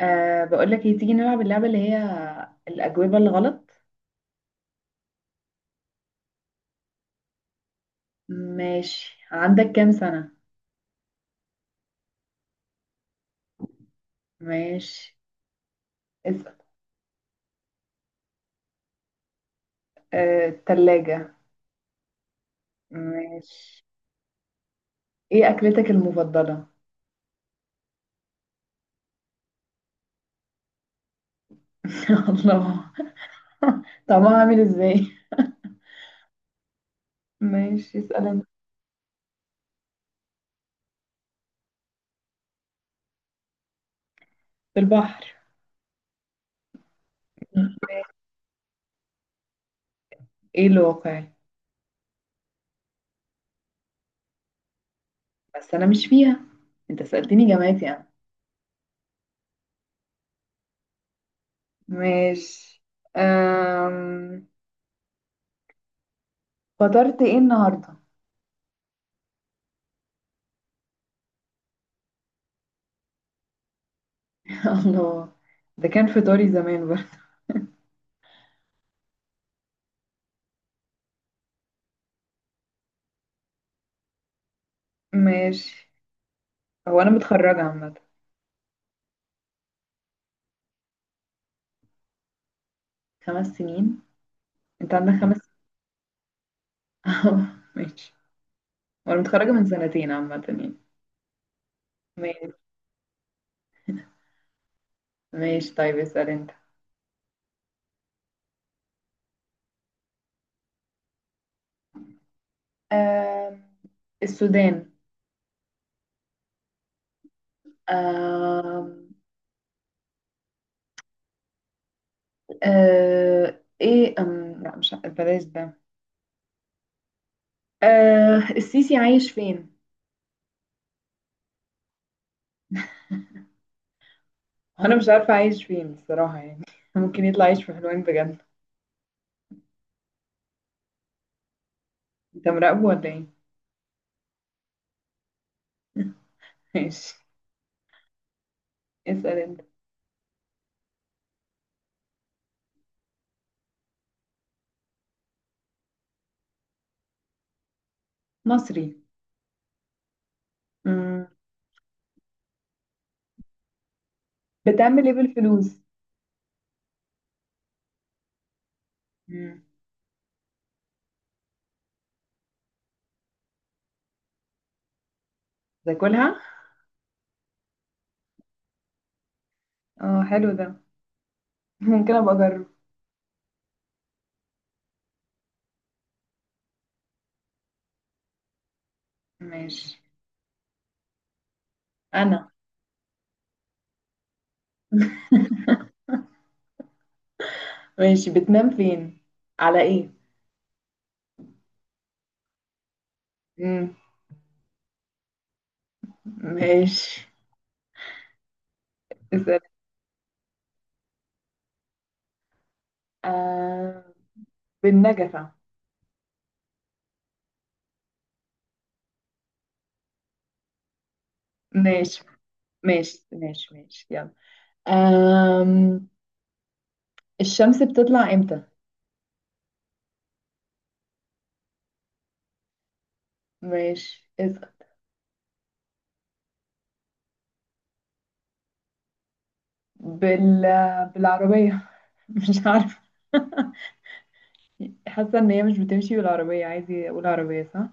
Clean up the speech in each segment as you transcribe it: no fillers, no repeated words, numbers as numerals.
بقول لك ايه، تيجي نلعب اللعبة اللي هي الأجوبة الغلط. ماشي، عندك كام سنة؟ ماشي، اسأل. التلاجة. ماشي. ايه أكلتك المفضلة؟ يا الله، طعمها عامل ازاي؟ ماشي، اسأل انت. في البحر. ايه الواقع؟ بس أنا مش فيها، انت سألتني جامعتي أنا. ماشي. أم... فطرت ايه النهاردة؟ الله، ده كان فطاري زمان برضه. ماشي، هو انا متخرجة عامة. 5 سنين؟ انت عندك خمس؟ ماشي، وانا متخرجة من سنتين عامة يعني. ماشي ماشي، طيب اسأل انت. آم، السودان. آم، ايه، لا مش بلاش ده. السيسي عايش فين؟ انا مش عارفة عايش فين الصراحة يعني، ممكن يطلع عايش في حلوان بجد. انت مراقبه ولا ايه؟ ماشي، اسأل انت. مصري. مم. بتعمل ايه بالفلوس؟ مم. تاكلها؟ اه، حلو ده، ممكن ابقى اجرب. ماشي انا ماشي، بتنام فين؟ على ايه؟ مم. ماشي، اسال. آه. بالنجفة. ماشي ماشي ماشي ماشي، يلا. آم... الشمس بتطلع امتى؟ ماشي، اسال. بال... بالعربية. مش عارفة، حاسة ان هي مش بتمشي بالعربية، عايزة اقول عربية صح.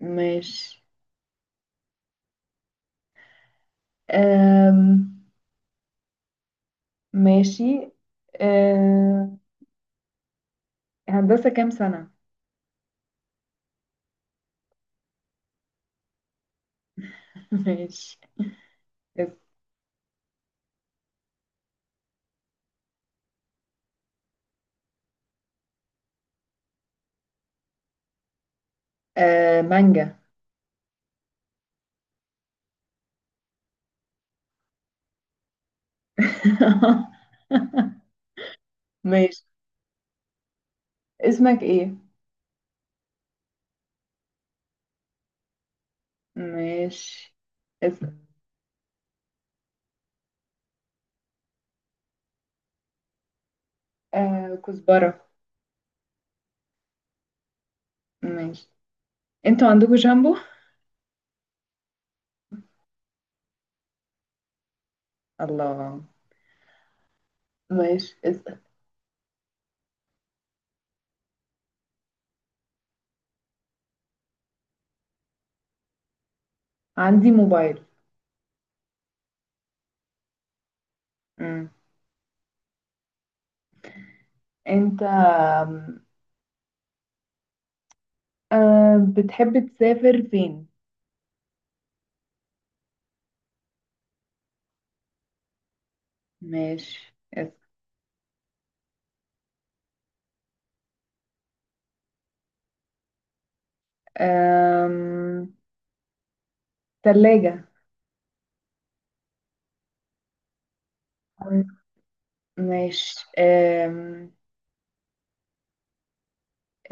ماشي. آم... ماشي. آه... هندسة كام سنة؟ ماشي. اس- مانجا. ماشي، اسمك ايه؟ ماشي، اسم. كزبرة. ماشي. انتوا عندكم شامبو؟ الله. ماشي، اسأل. عندي موبايل. مم. انت، بتحب تسافر فين؟ ماشي، اسأل. آم، تلاجة. ماشي.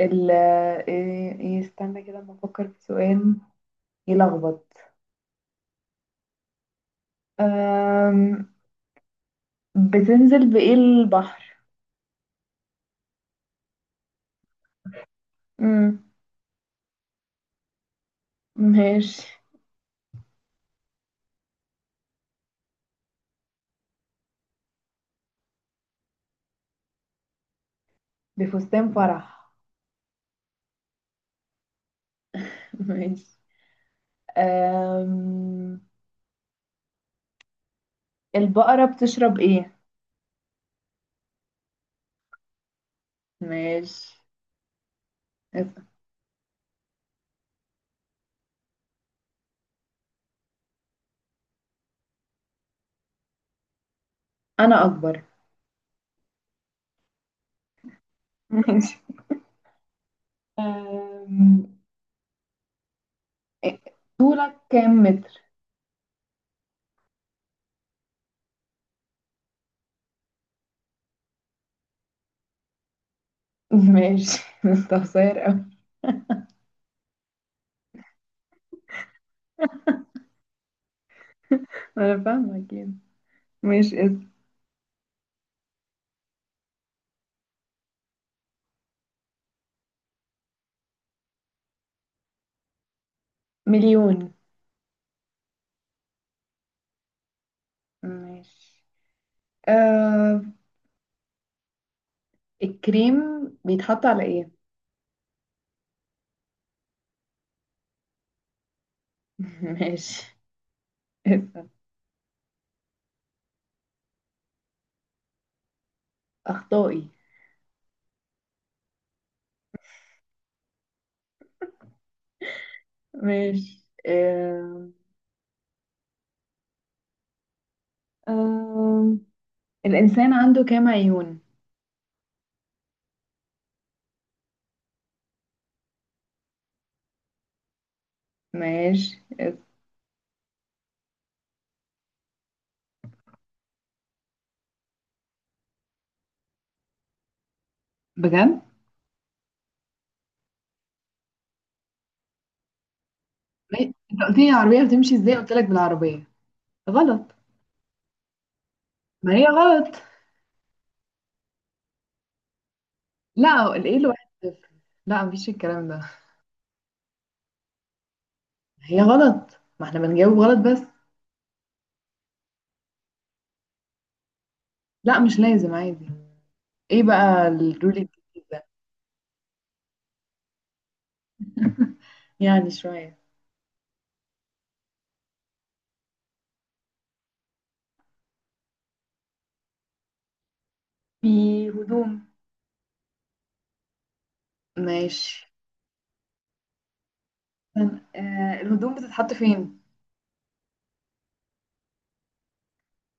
ال ايه إيه، استنى كده ما افكر في سؤال. يلخبط. أم... بتنزل بإيه البحر؟ مم. ماشي، بفستان فرح. ماشي. أم... البقرة بتشرب إيه؟ ماشي، اسأل. أنا أكبر. ماشي. أم... إيه- طولك كام متر؟ ماشي، انت قصير أوي. أنا فاهمة كده. ماشي، اسم. مليون. ماشي. أم... الكريم بيتحط على إيه؟ ماشي، اسأل. أخطائي. ماشي. آه. آه. الإنسان عنده كام عيون؟ ماشي. بجد؟ ما- انت قلت لي العربية بتمشي ازاي؟ قلت لك بالعربية غلط. ما هي غلط. لا، ايه الواحد صفر؟ لا، مفيش الكلام ده. هي غلط، ما احنا بنجاوب غلط بس. لا، مش لازم عادي. ايه بقى الرول الجديد ده؟ يعني شوية. في هدوم. ماشي. الهدوم بتتحط فين؟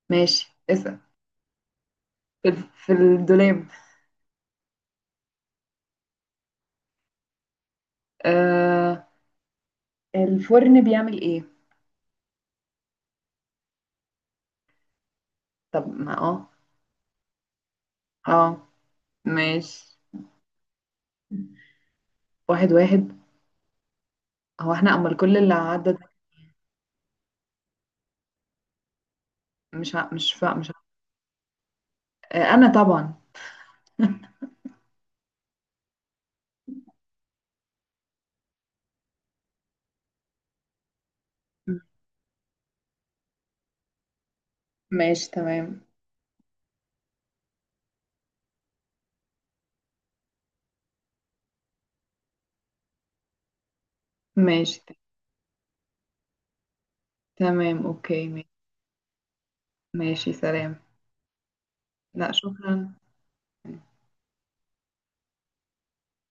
ماشي، اسأل. في الدولاب. آه الفرن بيعمل ايه؟ طب ما اه. ماشي. 1-1. هو احنا امال كل اللي عدى ده؟ مش ع... مش فا... مش ع... انا طبعا. ماشي، تمام. ماشي، تمام، اوكي، ماشي. ماشي، سلام. لا، شكرا.